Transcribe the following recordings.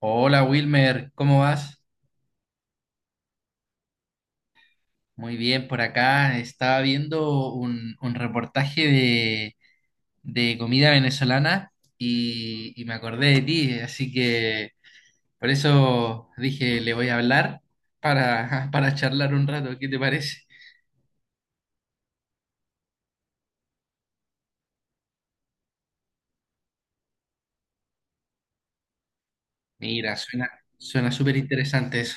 Hola Wilmer, ¿cómo vas? Muy bien, por acá estaba viendo un reportaje de comida venezolana y me acordé de ti, así que por eso dije, le voy a hablar para, para charlar un rato, ¿qué te parece? Mira, suena súper interesante eso.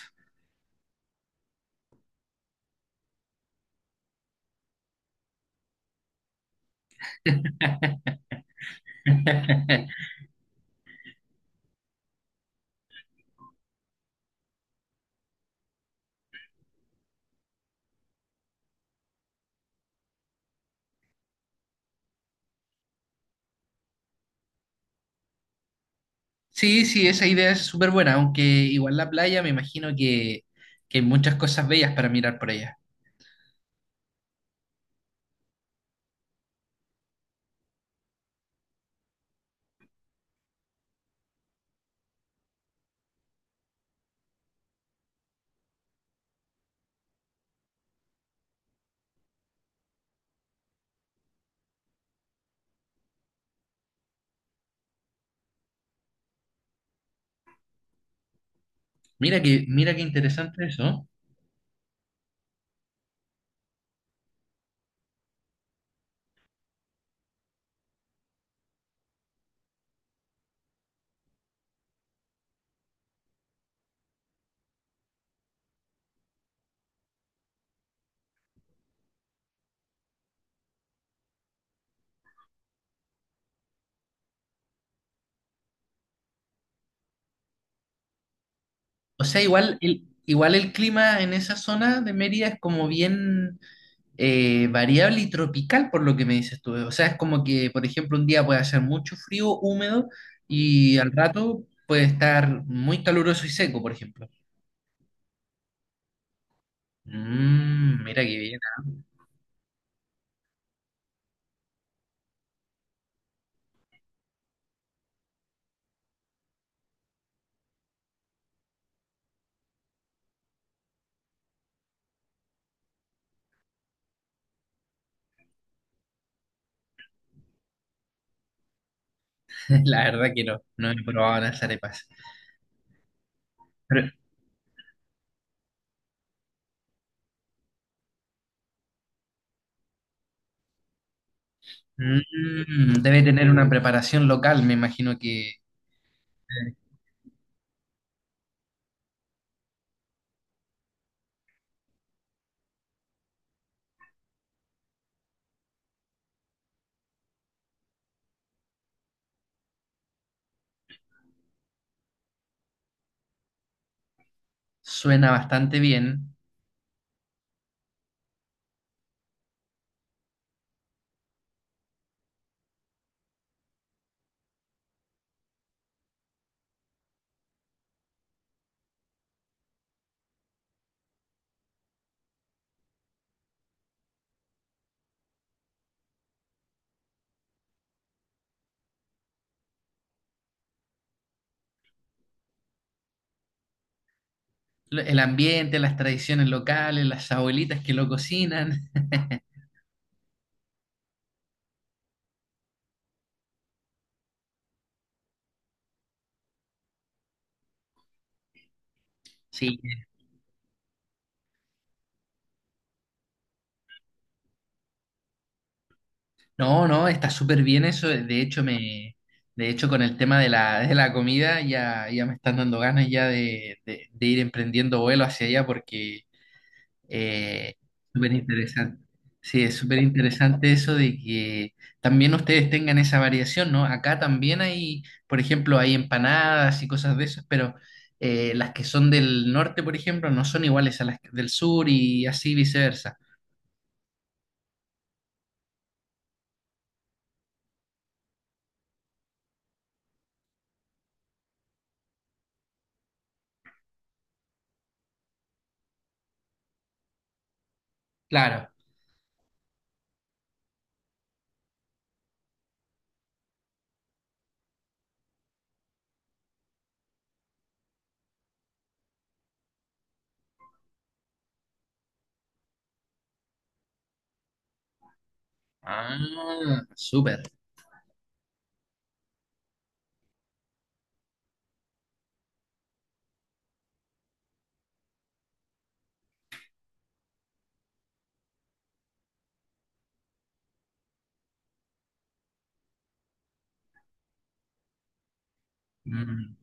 Sí, sí, esa idea es súper buena, aunque igual la playa me imagino que hay muchas cosas bellas para mirar por allá. Mira qué interesante eso. O sea, igual el clima en esa zona de Mérida es como bien variable y tropical, por lo que me dices tú. O sea, es como que, por ejemplo, un día puede hacer mucho frío, húmedo, y al rato puede estar muy caluroso y seco, por ejemplo. Mm, mira qué bien. La verdad que no, no he probado las arepas. Pero mm, debe tener una preparación local, me imagino que eh, suena bastante bien. El ambiente, las tradiciones locales, las abuelitas que lo cocinan. Sí, no, no, está súper bien eso. De hecho, con el tema de de la comida ya, ya me están dando ganas ya de ir emprendiendo vuelo hacia allá porque eh, súper interesante. Sí, es súper interesante eso de que también ustedes tengan esa variación, ¿no? Acá también hay, por ejemplo, hay empanadas y cosas de esas, pero las que son del norte, por ejemplo, no son iguales a las del sur y así viceversa. Claro. Ah, súper. Mm.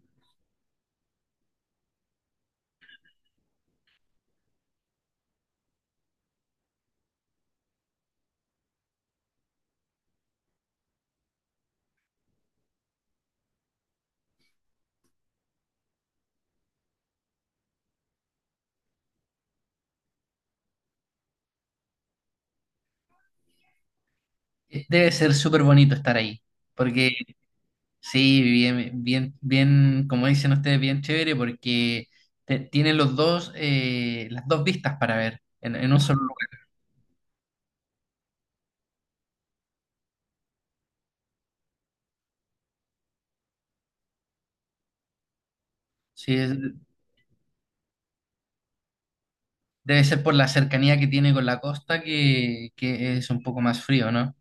Debe ser súper bonito estar ahí, porque sí, bien, bien, bien, como dicen ustedes, bien chévere, porque tienen los dos, las dos vistas para ver en un solo lugar. Sí, es- debe ser por la cercanía que tiene con la costa que es un poco más frío, ¿no?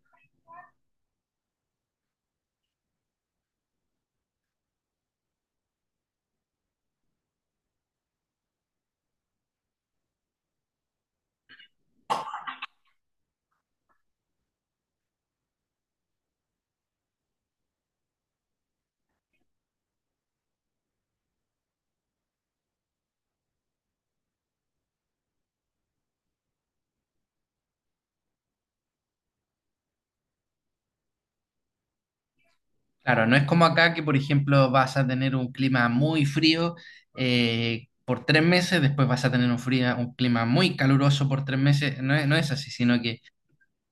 Claro, no es como acá que, por ejemplo, vas a tener un clima muy frío por tres meses, después vas a tener un fría un clima muy caluroso por tres meses. No es así, sino que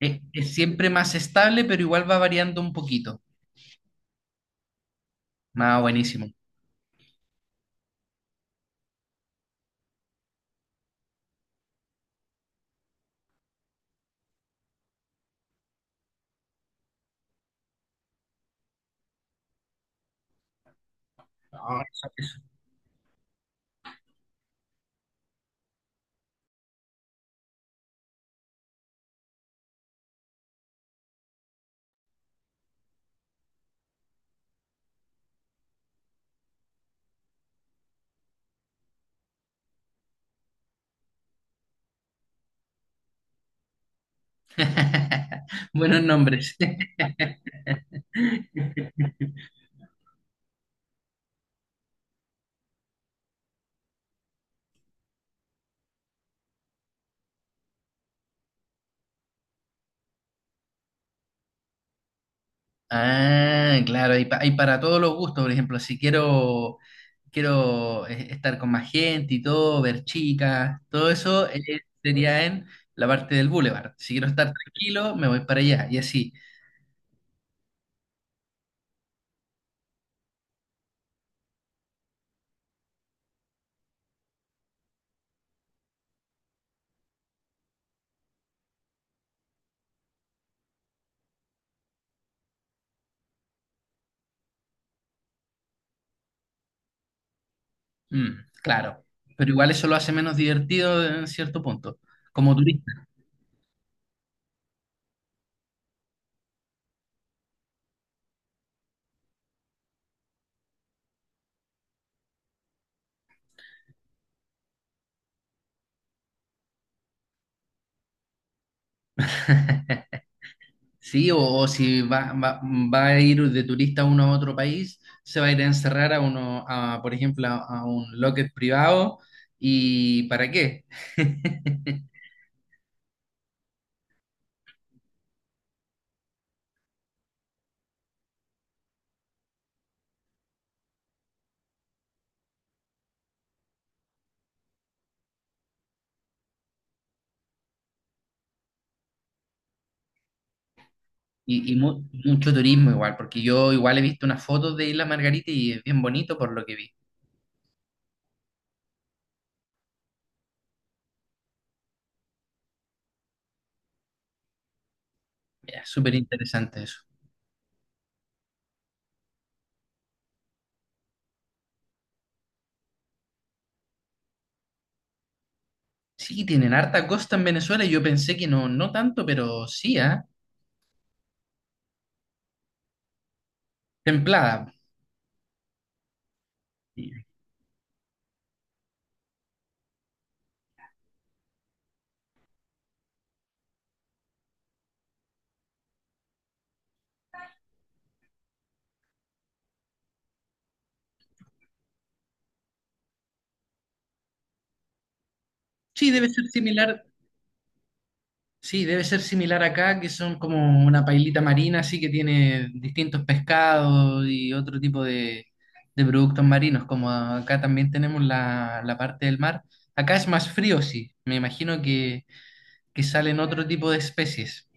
es siempre más estable, pero igual va variando un poquito. Ah, buenísimo. No, eso. Buenos nombres. Ah, claro, hay para todos los gustos, por ejemplo, si quiero, quiero estar con más gente y todo, ver chicas, todo eso sería en la parte del boulevard. Si quiero estar tranquilo, me voy para allá y así. Mm, claro, pero igual eso lo hace menos divertido en cierto punto, como turista. Sí, o si va, va, va a ir de turista uno a otro país, se va a ir a encerrar a uno, a, por ejemplo, a un locket privado. ¿Y para qué? Y, mucho turismo igual, porque yo igual he visto unas fotos de Isla Margarita y es bien bonito por lo que vi. Mira, súper interesante eso. Sí, tienen harta costa en Venezuela y yo pensé que no, no tanto, pero sí, ¿ah? Templada. Sí, debe ser similar. Sí, debe ser similar acá, que son como una pailita marina, así que tiene distintos pescados y otro tipo de productos marinos, como acá también tenemos la parte del mar. Acá es más frío, sí. Me imagino que salen otro tipo de especies.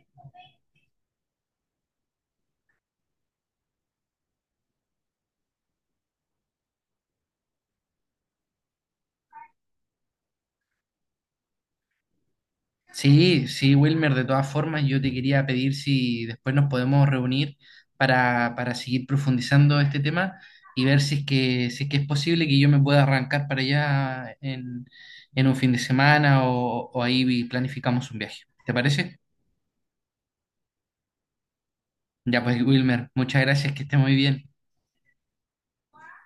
Sí, sí, Wilmer, de todas formas, yo te quería pedir si después nos podemos reunir para seguir profundizando este tema y ver si es que, si es que es posible que yo me pueda arrancar para allá en un fin de semana o ahí planificamos un viaje. ¿Te parece? Ya pues, Wilmer, muchas gracias, que esté muy bien.